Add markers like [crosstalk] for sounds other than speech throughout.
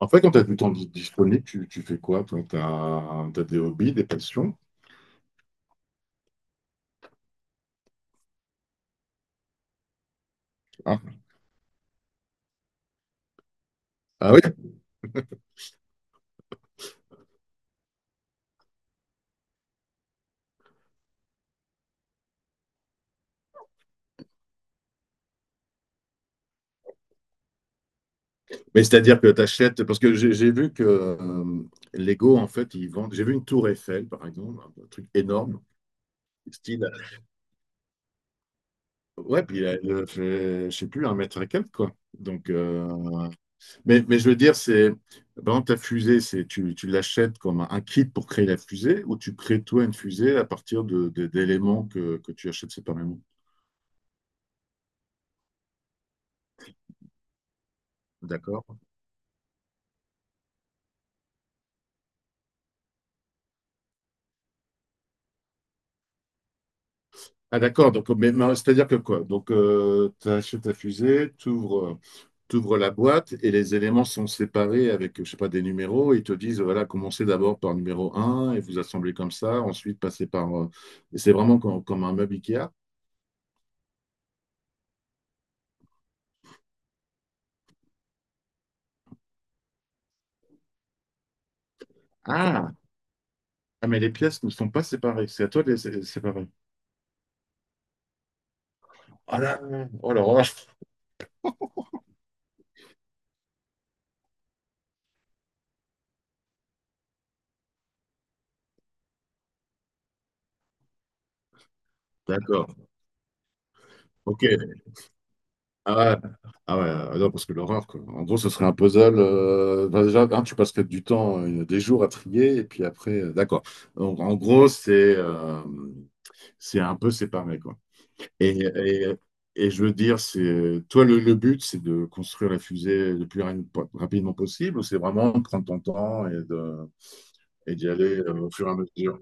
En fait, quand tu as du temps disponible, tu fais quoi? Toi, t'as des hobbies, des passions? Ah, ah oui, mais c'est-à-dire que tu achètes, parce que j'ai vu que Lego, en fait, ils vendent, j'ai vu une tour Eiffel, par exemple, un truc énorme, style, ouais, puis elle fait, je sais plus, un mètre et quelques, quoi. Donc, mais je veux dire, c'est, par exemple, ta fusée, c'est, tu l'achètes comme un kit pour créer la fusée, ou tu crées toi une fusée à partir d'éléments que tu achètes séparément, d'accord? Ah d'accord, donc mais c'est-à-dire que quoi? Donc tu achètes ta fusée, tu ouvres, la boîte et les éléments sont séparés avec, je sais pas, des numéros. Et ils te disent, voilà, commencez d'abord par numéro un et vous assemblez comme ça, ensuite passez par... et c'est vraiment comme un meuble IKEA. Ah, ah, mais les pièces ne sont pas séparées, c'est à toi de les séparer. Ah là, oh là là. D'accord, ok. Ah ouais, ah ouais, ah non, parce que l'horreur, quoi. En gros, ce serait un puzzle. Bah, déjà, hein, tu passerais du temps, des jours à trier, et puis après, d'accord. Donc, en gros, c'est un peu séparé, quoi. Et, et, et je veux dire, c'est toi, le but, c'est de construire la fusée le plus rapidement possible, ou c'est vraiment de prendre ton temps et d'y aller au fur et à mesure?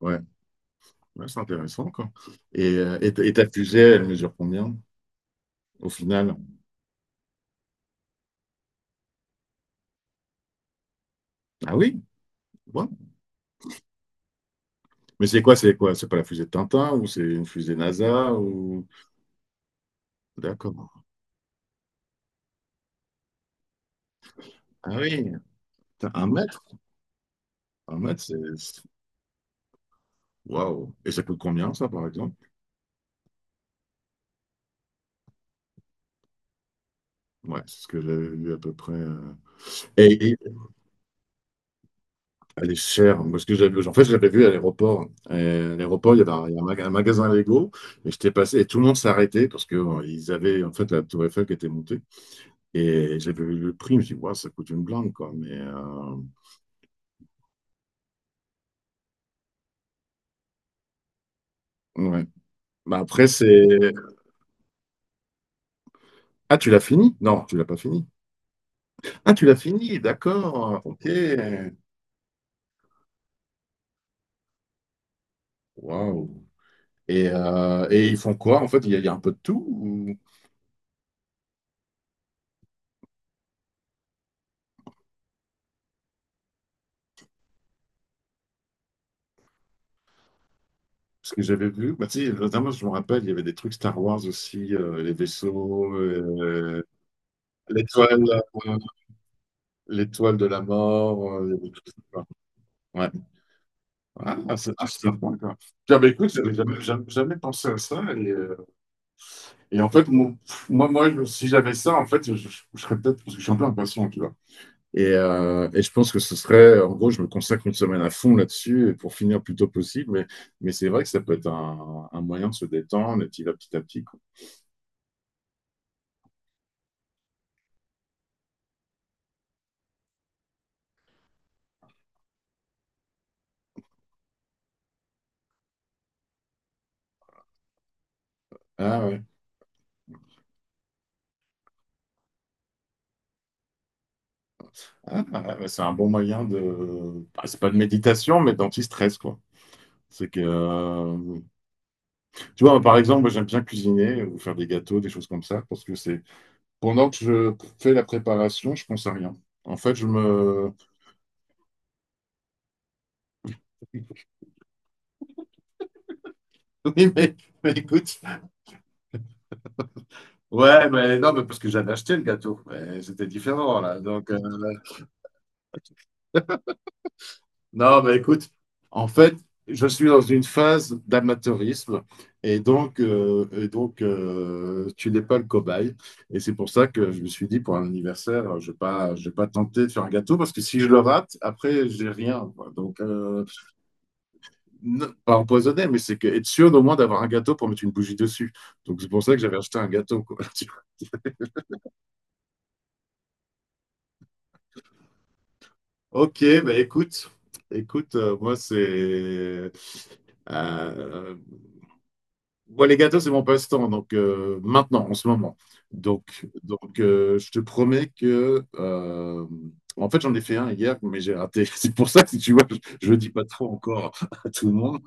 Ouais, ouais, c'est intéressant, quoi. Et, ta fusée, elle mesure combien au final? Ah oui? Ouais, mais c'est quoi, c'est quoi? C'est pas la fusée de Tintin ou c'est une fusée NASA ou... D'accord. Ah oui, putain, un mètre? Un mètre, waouh. Et ça coûte combien, ça, par exemple? Ouais, c'est ce que j'avais vu à peu près. Et elle est chère. Parce que j'avais, en fait, je l'avais vu à l'aéroport. Et à l'aéroport, il y avait un, il y a un maga- un magasin Lego. Et j'étais passé et tout le monde s'arrêtait parce que ils avaient, en fait, la tour Eiffel qui était montée. Et j'avais vu le prix. Je me suis dit, waouh, ça coûte une blinde, quoi. Mais, ouais. Bah, après, c'est... Ah, tu l'as fini? Non, tu l'as pas fini. Ah, tu l'as fini, d'accord, ok. Waouh. Et ils font quoi? En fait, il y a un peu de tout. Parce que j'avais vu, bah, tu sais, notamment, je me rappelle, il y avait des trucs Star Wars aussi, les vaisseaux, l'étoile, euh, l'étoile de la mort, il y avait tout ça, quoi. Ouais. Ah, c'est sympa, quoi. Tiens, bah, écoute, j'avais jamais pensé à ça. Et en fait, si j'avais ça, en fait, je serais peut-être, parce que je suis un peu impatient, tu vois. Et, je pense que ce serait, en gros, je me consacre une semaine à fond là-dessus pour finir le plus tôt possible. Mais c'est vrai que ça peut être un moyen de se détendre et petit à petit. Quoi. Ah ouais, ah, ah, bah, c'est un bon moyen de. Bah, c'est pas de méditation, mais d'anti-stress, quoi. C'est que, tu vois, par exemple, moi, j'aime bien cuisiner ou faire des gâteaux, des choses comme ça, parce que c'est. Pendant que je fais la préparation, je pense à rien. En fait, je me. [laughs] Oui, mais écoute, ouais, mais non, mais parce que j'avais acheté le gâteau. Mais c'était différent, là. Donc, non, mais écoute, en fait, je suis dans une phase d'amateurisme. Et donc, tu n'es pas le cobaye. Et c'est pour ça que je me suis dit, pour un anniversaire, je vais pas tenter de faire un gâteau, parce que si je le rate, après, j'ai rien, quoi. Donc, non, pas empoisonné, mais c'est que être sûr au moins d'avoir un gâteau pour mettre une bougie dessus. Donc, c'est pour ça que j'avais acheté un gâteau, quoi. [laughs] Ok, bah écoute, euh, moi, les gâteaux, c'est mon passe-temps, donc maintenant, en ce moment. Donc, je te promets que. En fait, j'en ai fait un hier, mais j'ai raté. [laughs] C'est pour ça que si tu vois, je ne dis pas trop encore [laughs] à tout le monde,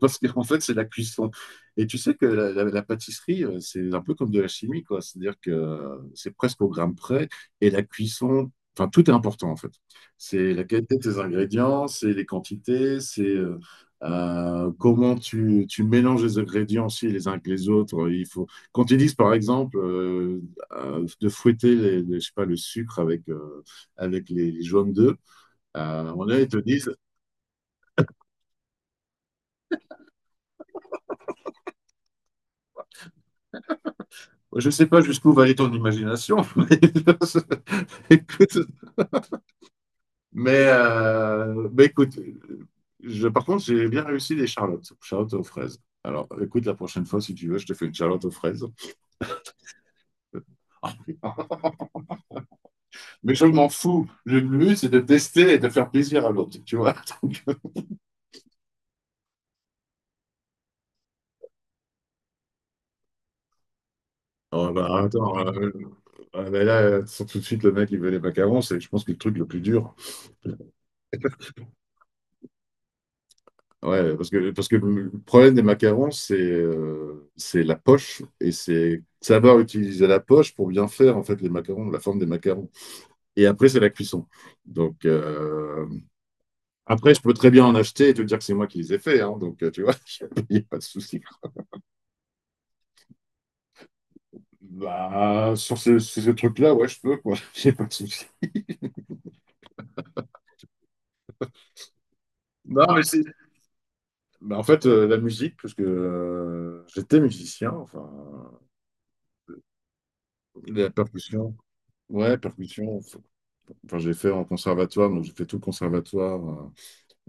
parce qu'en fait, c'est la cuisson. Et tu sais que la pâtisserie, c'est un peu comme de la chimie, quoi. C'est-à-dire que c'est presque au gramme près, et la cuisson, enfin, tout est important, en fait. C'est la qualité de tes ingrédients, c'est les quantités, c'est. Comment tu mélanges les ingrédients aussi les uns que les autres. Il faut, quand ils disent, par exemple, de fouetter je sais pas, le sucre avec les jaunes d'œufs, ils te disent, je ne sais pas jusqu'où va aller ton imagination. [laughs] Mais Écoute, mais écoute, je, par contre, j'ai bien réussi les charlottes aux fraises. Alors, écoute, la prochaine fois, si tu veux, je te fais une charlotte aux fraises. [laughs] Mais je m'en fous. Le but, c'est de tester et de faire plaisir à l'autre, tu vois. [laughs] Donc, oh, bah, attends, ah, bah, là, sans tout de suite, le mec, il veut les macarons, c'est, je pense, que le truc le plus dur. Ouais, parce que, le problème des macarons, c'est la poche et c'est savoir utiliser la poche pour bien faire, en fait, les macarons, la forme des macarons. Et après, c'est la cuisson. Donc, après, je peux très bien en acheter et te dire que c'est moi qui les ai faits, hein, donc, tu vois, [laughs] il n'y a pas de souci. Bah, sur ce truc-là, ouais, je peux, quoi. [laughs] J'ai pas de souci. Non, mais c'est. Bah, en fait, la musique, parce que j'étais musicien, enfin, la percussion. Ouais, percussion. Enfin, j'ai fait en conservatoire, donc j'ai fait tout le conservatoire.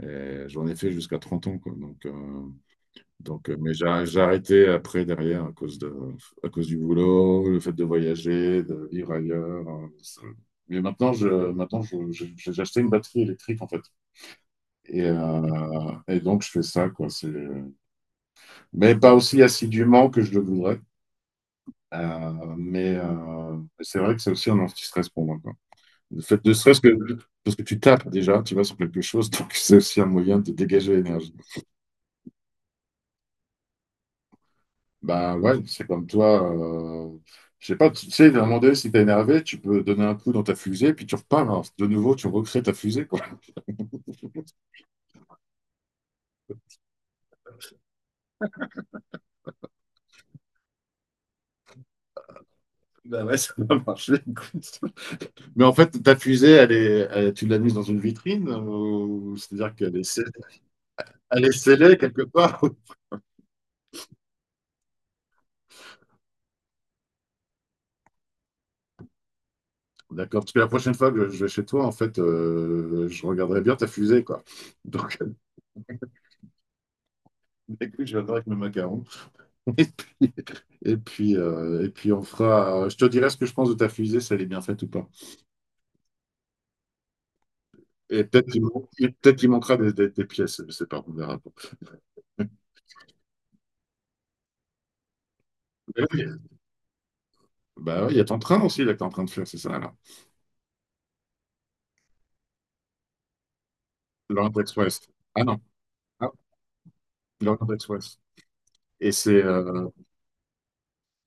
Et j'en ai fait jusqu'à 30 ans, quoi. Donc, mais j'ai arrêté après, derrière, à cause de, à cause du boulot, le fait de voyager, de vivre ailleurs. Mais maintenant, j'ai acheté une batterie électrique, en fait. Et donc, je fais ça, quoi. C'est- Mais pas aussi assidûment que je le voudrais. Mais, c'est vrai que c'est aussi un anti-stress pour moi, quoi. Le fait de stress que, parce que tu tapes déjà, tu vas sur quelque chose, [laughs] donc c'est aussi un moyen de dégager l'énergie. Bah ouais, c'est comme toi. Je sais pas, tu sais, à un moment donné, si t'es énervé, tu peux donner un coup dans ta fusée, puis tu repars, hein. De nouveau, tu recrées ta fusée, quoi. [laughs] Bah ouais, ça va marcher, écoute. Mais en fait, ta fusée, elle est, tu l'as mise dans une vitrine, c'est-à-dire qu'elle est laissez-les quelque part. [laughs] D'accord, parce que la prochaine fois que je vais chez toi, en fait, je regarderai bien ta fusée, quoi. Donc, [laughs] écoute, je viendrai avec mes macarons. [laughs] Et puis on fera. Je te dirai ce que je pense de ta fusée, si elle est bien faite ou pas. Et peut-être il manquera des pièces, je sais pas, on verra. Mais oui, bah oui, il y a ton train aussi, là, que t'es en train de faire, c'est ça, là. L'Orient Express. Ah non, ah, l'Orient Express. Et c'est.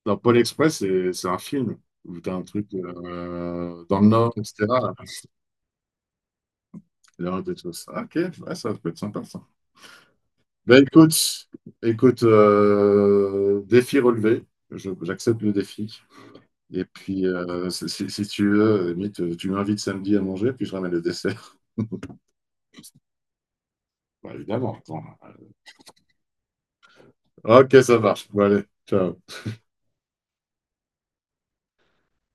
Dans Paul Express, c'est un film où t'as un truc dans le Nord, etc. L'heure de tous. Ah, ok, ouais, ça peut être sympa ça. Ben écoute, défi relevé. J'accepte le défi. Et puis, si tu veux, limite, tu m'invites samedi à manger, puis je ramène le dessert. [laughs] Bah, évidemment, attends. Ok, ça marche. Bon, allez, ciao.